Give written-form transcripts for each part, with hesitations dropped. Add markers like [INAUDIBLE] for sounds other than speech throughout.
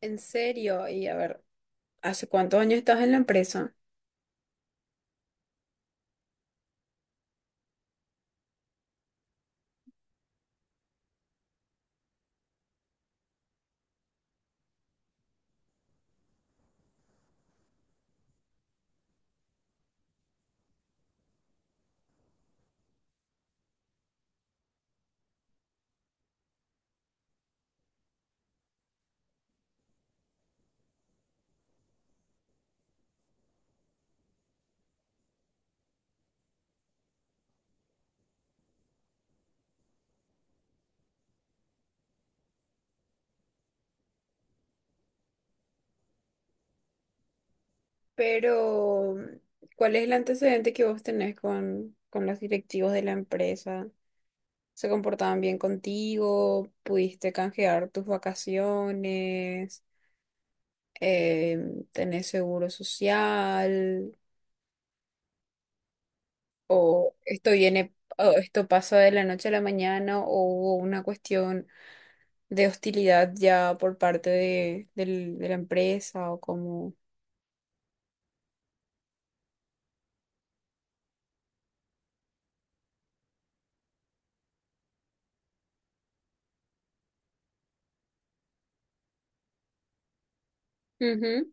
En serio, y a ver, ¿hace cuántos años estás en la empresa? Pero, ¿cuál es el antecedente que vos tenés con los directivos de la empresa? ¿Se comportaban bien contigo? ¿Pudiste canjear tus vacaciones? ¿Tenés seguro social? ¿O esto viene, o esto pasa de la noche a la mañana? ¿O hubo una cuestión de hostilidad ya por parte de la empresa? ¿O cómo? Ujú.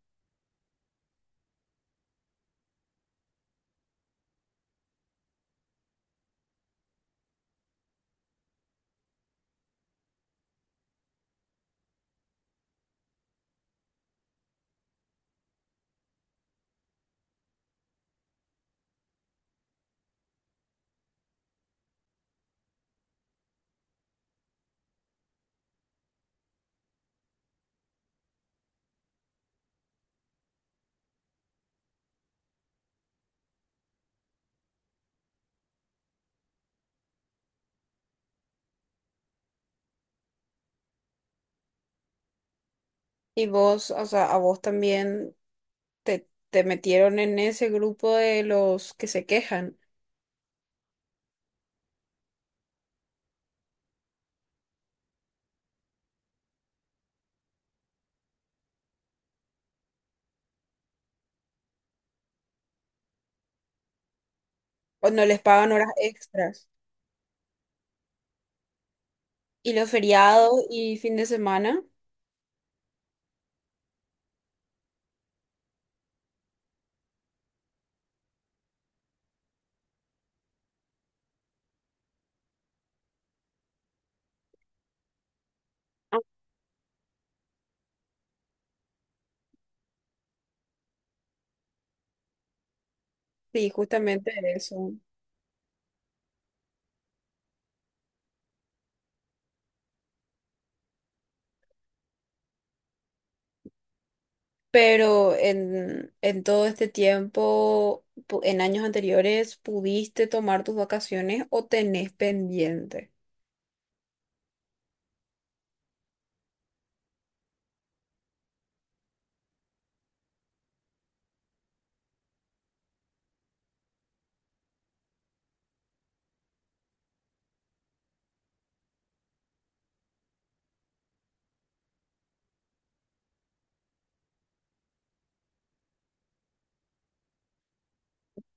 Y vos, o sea, a vos también te metieron en ese grupo de los que se quejan o no les pagan horas extras. Y los feriados y fin de semana. Ah, sí, justamente eso. Pero en todo este tiempo, en años anteriores, pudiste tomar tus vacaciones o tenés pendiente.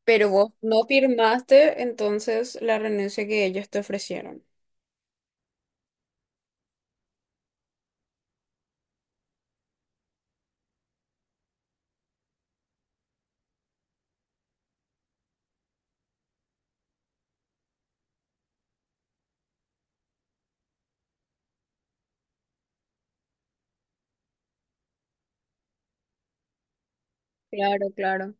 Pero vos no firmaste entonces la renuncia que ellos te ofrecieron. Claro, claro.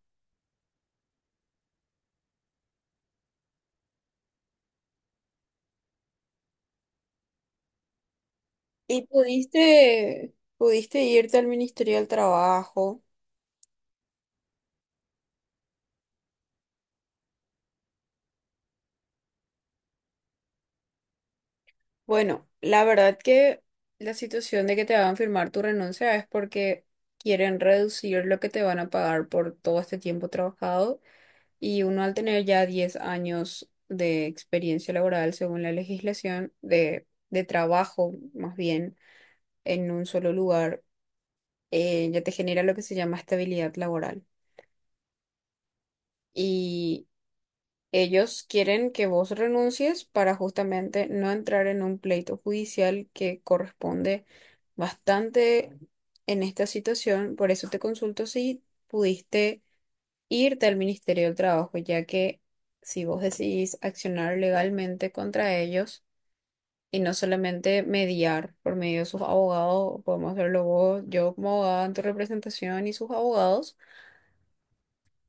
¿Y pudiste irte al Ministerio del Trabajo? Bueno, la verdad que la situación de que te hagan firmar tu renuncia es porque quieren reducir lo que te van a pagar por todo este tiempo trabajado, y uno al tener ya 10 años de experiencia laboral, según la legislación de trabajo, más bien, en un solo lugar, ya te genera lo que se llama estabilidad laboral. Ellos quieren que vos renuncies para justamente no entrar en un pleito judicial que corresponde bastante en esta situación. Por eso te consulto si pudiste irte al Ministerio del Trabajo, ya que, si vos decidís accionar legalmente contra ellos y no solamente mediar por medio de sus abogados, podemos hacerlo vos, yo como abogada en tu representación y sus abogados.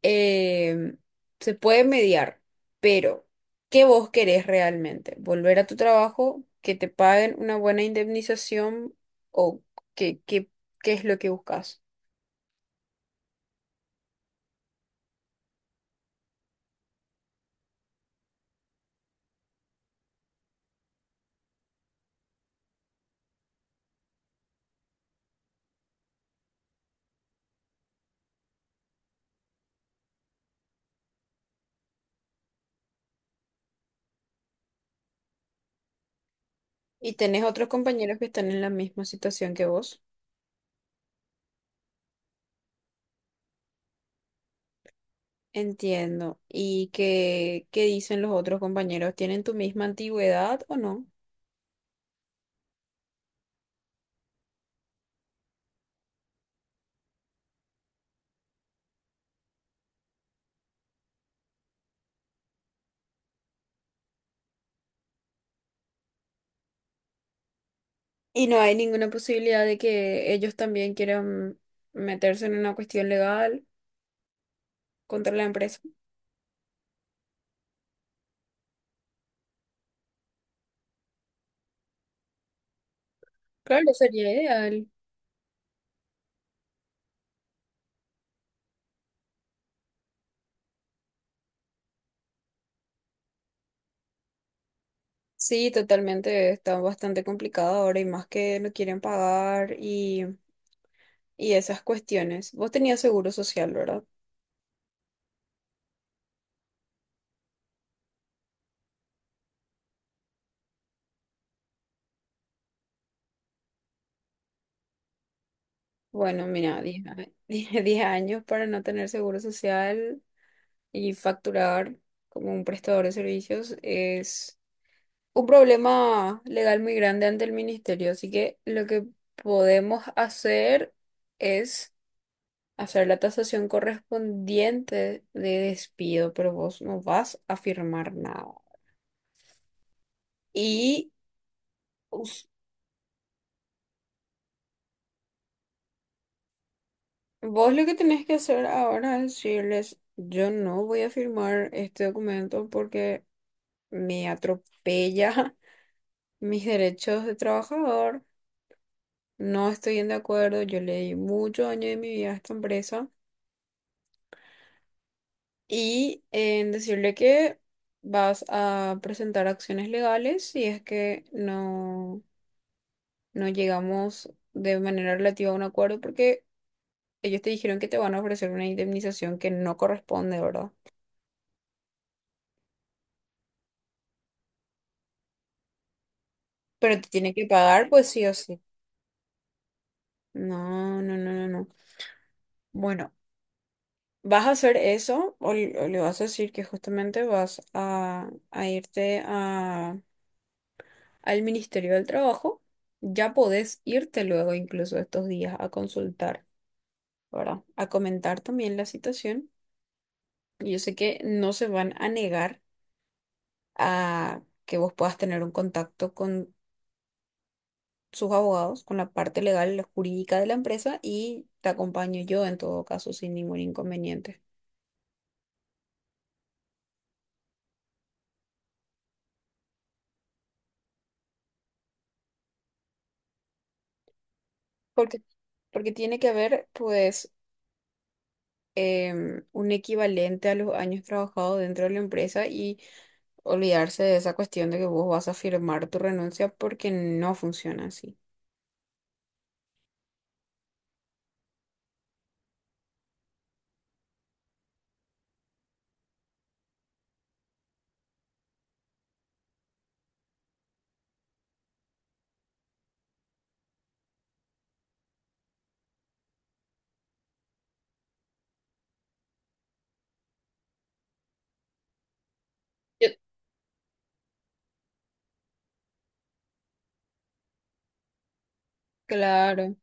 eh, Se puede mediar, pero ¿qué vos querés realmente? ¿Volver a tu trabajo? ¿Que te paguen una buena indemnización? ¿O qué, qué, qué es lo que buscas? Y tenés otros compañeros que están en la misma situación que vos. Entiendo. ¿Y qué dicen los otros compañeros? ¿Tienen tu misma antigüedad o no? Y no hay ninguna posibilidad de que ellos también quieran meterse en una cuestión legal contra la empresa. Claro, sería ideal. Sí, totalmente, está bastante complicado ahora y más que no quieren pagar y esas cuestiones. Vos tenías seguro social, ¿verdad? Bueno, mira, 10, [LAUGHS] 10 años para no tener seguro social y facturar como un prestador de servicios es un problema legal muy grande ante el ministerio. Así que lo que podemos hacer es hacer la tasación correspondiente de despido, pero vos no vas a firmar nada. Y us- vos lo que tenés que hacer ahora es decirles: yo no voy a firmar este documento porque me atropella [LAUGHS] mis derechos de trabajador, no estoy en de acuerdo, yo le di muchos años de mi vida a esta empresa. Y en decirle que vas a presentar acciones legales si es que no llegamos de manera relativa a un acuerdo, porque ellos te dijeron que te van a ofrecer una indemnización que no corresponde, ¿verdad? Pero te tiene que pagar, pues, sí o sí. No, no, no, no, no. Bueno, vas a hacer eso, o le vas a decir que justamente vas a irte al Ministerio del Trabajo. Ya podés irte luego, incluso estos días, a consultar, ¿verdad? A comentar también la situación. Y yo sé que no se van a negar a que vos puedas tener un contacto con sus abogados, con la parte legal, la jurídica de la empresa, y te acompaño yo en todo caso sin ningún inconveniente. Porque, porque tiene que haber, pues, un equivalente a los años trabajados dentro de la empresa y olvidarse de esa cuestión de que vos vas a firmar tu renuncia, porque no funciona así. Yo- Claro.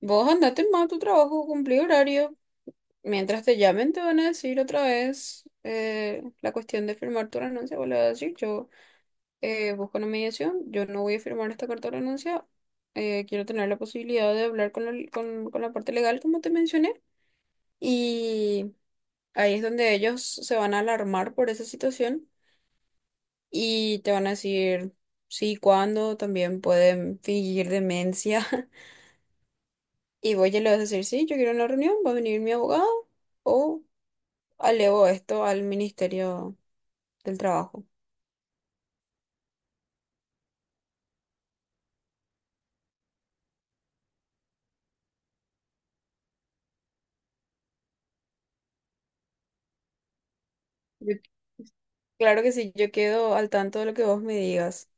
Vos andate más a tu trabajo, cumplí horario. Mientras te llamen, te van a decir otra vez, la cuestión de firmar tu renuncia. Vos le vas a decir: yo, busco una mediación, yo no voy a firmar esta carta de renuncia. Quiero tener la posibilidad de hablar con la, con la parte legal, como te mencioné. Y ahí es donde ellos se van a alarmar por esa situación y te van a decir: sí, ¿cuándo? También pueden fingir demencia. [LAUGHS] Y vos ya le vas a decir: sí, yo quiero una reunión, va a venir mi abogado, o alevo esto al Ministerio del Trabajo. Yo- Claro que sí, yo quedo al tanto de lo que vos me digas.